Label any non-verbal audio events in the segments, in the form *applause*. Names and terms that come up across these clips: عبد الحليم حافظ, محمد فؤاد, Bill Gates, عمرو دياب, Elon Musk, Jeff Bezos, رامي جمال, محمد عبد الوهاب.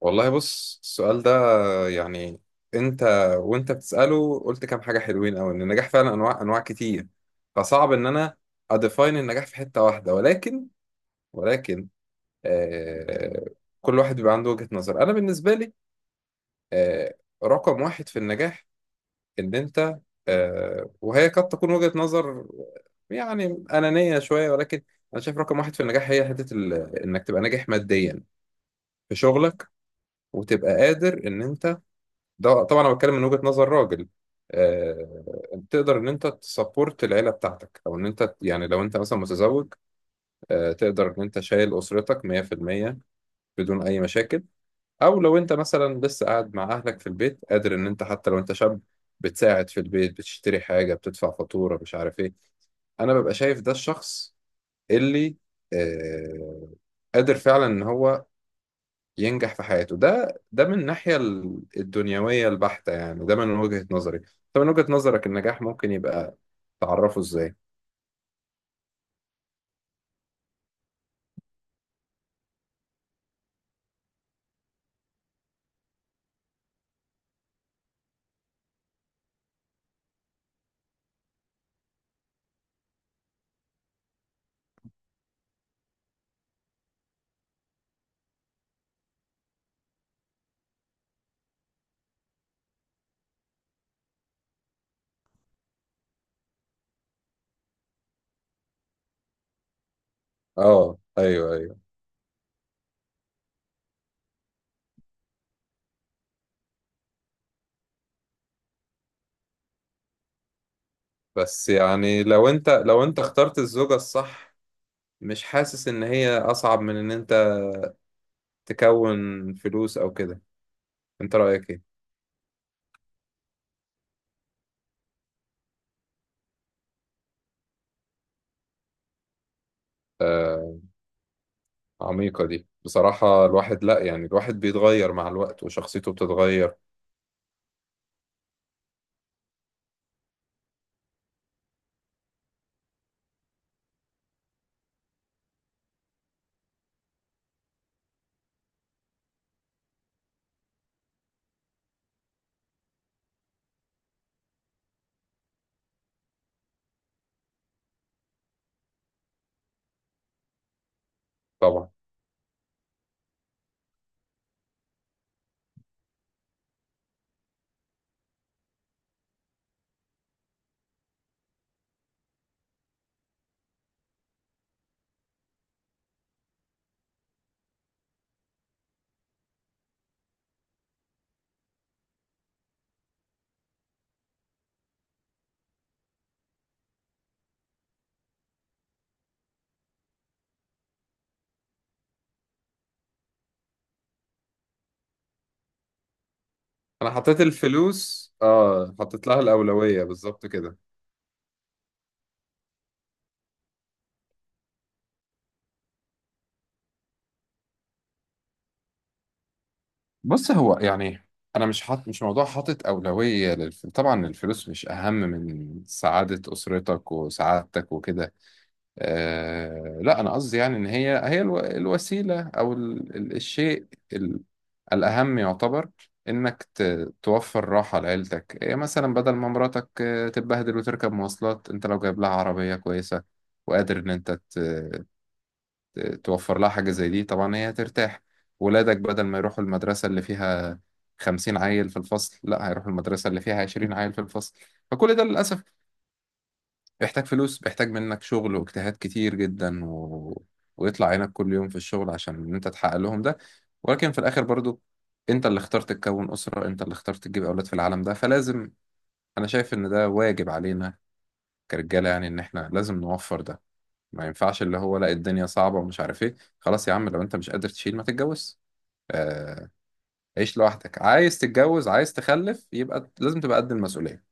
والله بص السؤال ده، يعني انت وانت بتسأله قلت كام حاجة حلوين قوي ان النجاح فعلا انواع كتير. فصعب ان انا اديفاين النجاح في حتة واحدة، ولكن ولكن آه كل واحد بيبقى عنده وجهة نظر. انا بالنسبة لي، آه رقم واحد في النجاح ان انت، وهي قد تكون وجهة نظر يعني أنانية شوية، ولكن أنا شايف رقم واحد في النجاح هي إنك تبقى ناجح ماديا في شغلك، وتبقى قادر إن أنت، ده طبعا انا بتكلم من وجهة نظر راجل، تقدر ان انت تسبورت العيله بتاعتك، او ان انت يعني لو انت مثلا متزوج، تقدر ان انت شايل اسرتك 100% بدون اي مشاكل. او لو انت مثلا لسه قاعد مع اهلك في البيت، قادر ان انت حتى لو انت شاب بتساعد في البيت، بتشتري حاجه، بتدفع فاتوره، مش عارف ايه. انا ببقى شايف ده الشخص اللي آه، قادر فعلا ان هو ينجح في حياته. ده من الناحية الدنيوية البحتة، يعني ده من وجهة نظري. طب من وجهة نظرك النجاح ممكن يبقى تعرفه ازاي؟ اه، ايوه ايوه. بس يعني لو انت اخترت الزوجة الصح، مش حاسس ان هي اصعب من ان انت تكون فلوس او كده؟ انت رأيك ايه؟ آه. عميقة دي بصراحة. الواحد لا، يعني الواحد بيتغير مع الوقت وشخصيته بتتغير. طبعا. انا حطيت الفلوس، اه حطيت لها الأولوية بالظبط كده. بص، هو يعني انا مش حاط، مش موضوع حاطط اولويه للف... طبعا الفلوس مش اهم من سعاده اسرتك وسعادتك وكده. لا انا قصدي يعني ان هي الو... الوسيله، او الشيء ال... الاهم يعتبر، انك توفر راحه لعيلتك. إيه مثلا، بدل ما مراتك تتبهدل وتركب مواصلات، انت لو جايب لها عربيه كويسه وقادر ان انت توفر لها حاجة زي دي، طبعا هي هترتاح. ولادك بدل ما يروحوا المدرسة اللي فيها خمسين عيل في الفصل، لا هيروحوا المدرسة اللي فيها عشرين عيل في الفصل. فكل ده للأسف بيحتاج فلوس، بيحتاج منك شغل واجتهاد كتير جدا ويطلع عينك كل يوم في الشغل عشان إن أنت تحقق لهم ده. ولكن في الآخر برضو، أنت اللي اخترت تكون أسرة، أنت اللي اخترت تجيب أولاد في العالم ده، فلازم، أنا شايف إن ده واجب علينا كرجالة، يعني إن إحنا لازم نوفر ده. ما ينفعش اللي هو لا الدنيا صعبة ومش عارف ايه. خلاص يا عم، لو انت مش قادر تشيل ما تتجوز. آه. عيش لوحدك. عايز تتجوز، عايز تخلف، يبقى لازم تبقى قد المسؤولية.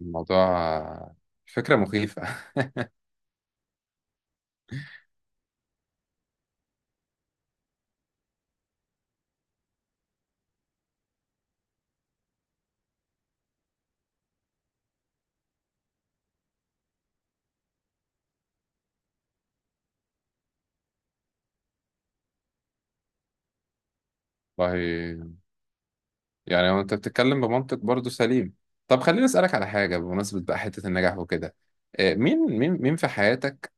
الموضوع فكرة مخيفة. *laughs* والله، يعني هو انت بتتكلم بمنطق برضو سليم. طب خليني اسألك على حاجة بمناسبة بقى حتة النجاح وكده. مين في حياتك؟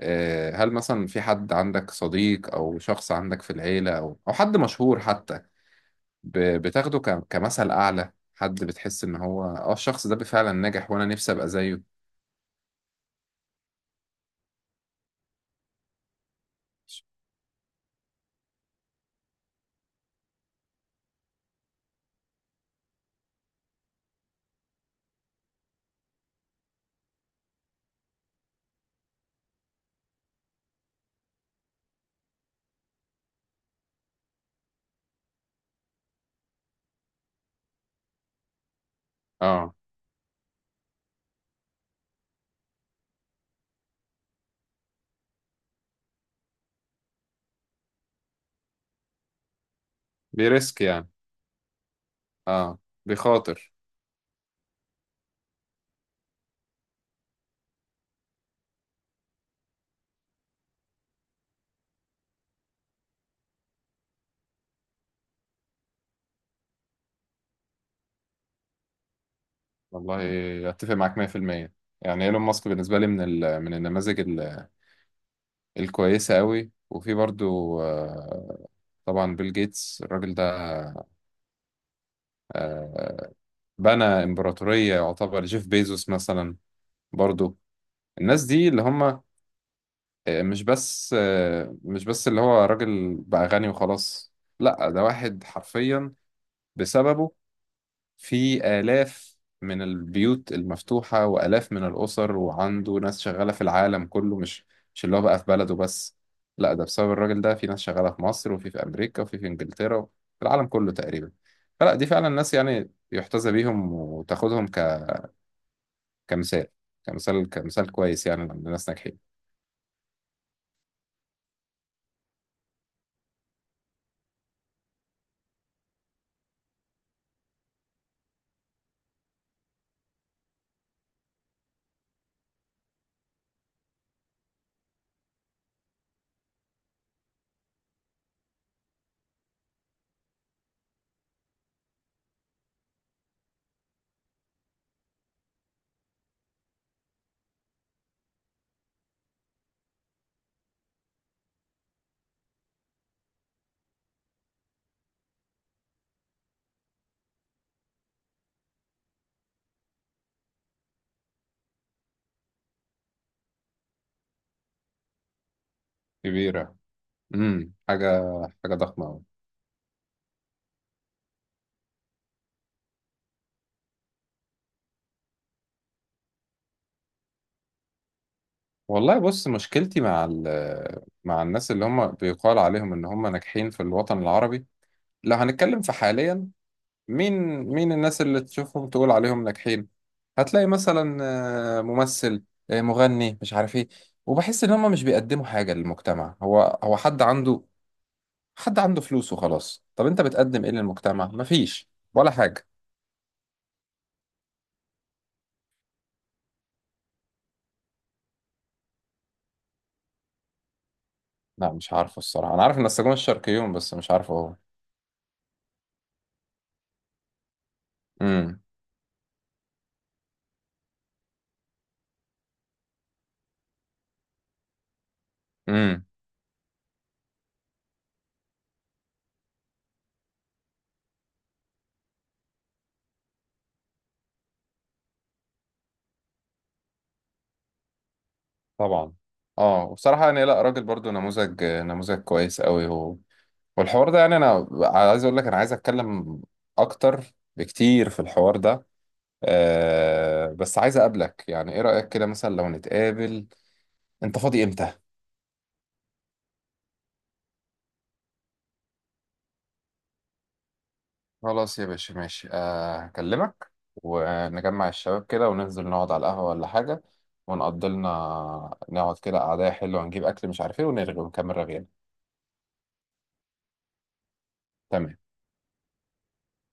هل مثلا في حد عندك صديق، او شخص عندك في العيلة، او او حد مشهور حتى، بتاخده كمثل أعلى، حد بتحس إن هو الشخص ده فعلا ناجح وأنا نفسي أبقى زيه؟ آه. بيريسك يعني. آه. بيخاطر. والله أتفق معاك 100%. يعني إيلون ماسك بالنسبة لي من ال، من النماذج ال، الكويسة قوي. وفي برضو، طبعا بيل جيتس، الراجل ده، آه، بنى إمبراطورية. يعتبر جيف بيزوس مثلا برضو، الناس دي اللي هم مش بس اللي هو راجل بقى غني وخلاص، لا ده واحد حرفيا بسببه في آلاف من البيوت المفتوحة وآلاف من الأسر، وعنده ناس شغالة في العالم كله. مش اللي هو بقى في بلده بس، لا ده بسبب الراجل ده في ناس شغالة في مصر، وفي أمريكا، وفي إنجلترا، في العالم كله تقريبا. فلا، دي فعلا ناس يعني يحتذى بيهم، وتاخدهم كمثال، كمثال كويس، يعني لما ناس ناجحين. كبيرة. امم، حاجة، حاجة ضخمة أوي. والله بص، مشكلتي مع مع الناس اللي هم بيقال عليهم ان هم ناجحين في الوطن العربي، لو هنتكلم في حاليا، مين، مين الناس اللي تشوفهم تقول عليهم ناجحين؟ هتلاقي مثلا ممثل، مغني، مش عارف ايه. وبحس ان هم مش بيقدموا حاجة للمجتمع. هو حد عنده، حد عنده فلوس وخلاص. طب انت بتقدم ايه للمجتمع؟ مفيش ولا حاجة. لا مش عارفه الصراحة، انا عارف ان السجون الشرقيون بس مش عارفه هو. امم. إمم. طبعا. اه، وبصراحة يعني لا، راجل برضو نموذج، نموذج كويس قوي هو. والحوار ده، يعني انا عايز اقول لك انا عايز اتكلم اكتر بكتير في الحوار ده. أه، بس عايز اقابلك، يعني ايه رأيك كده مثلا لو نتقابل؟ انت فاضي امتى؟ خلاص يا باشا، ماشي. آه، هكلمك ونجمع الشباب كده وننزل نقعد على القهوة ولا حاجة، ونقضي لنا نقعد كده قعدة حلوة، ونجيب اكل مش عارف ايه، ونرغي ونكمل رغينا. تمام.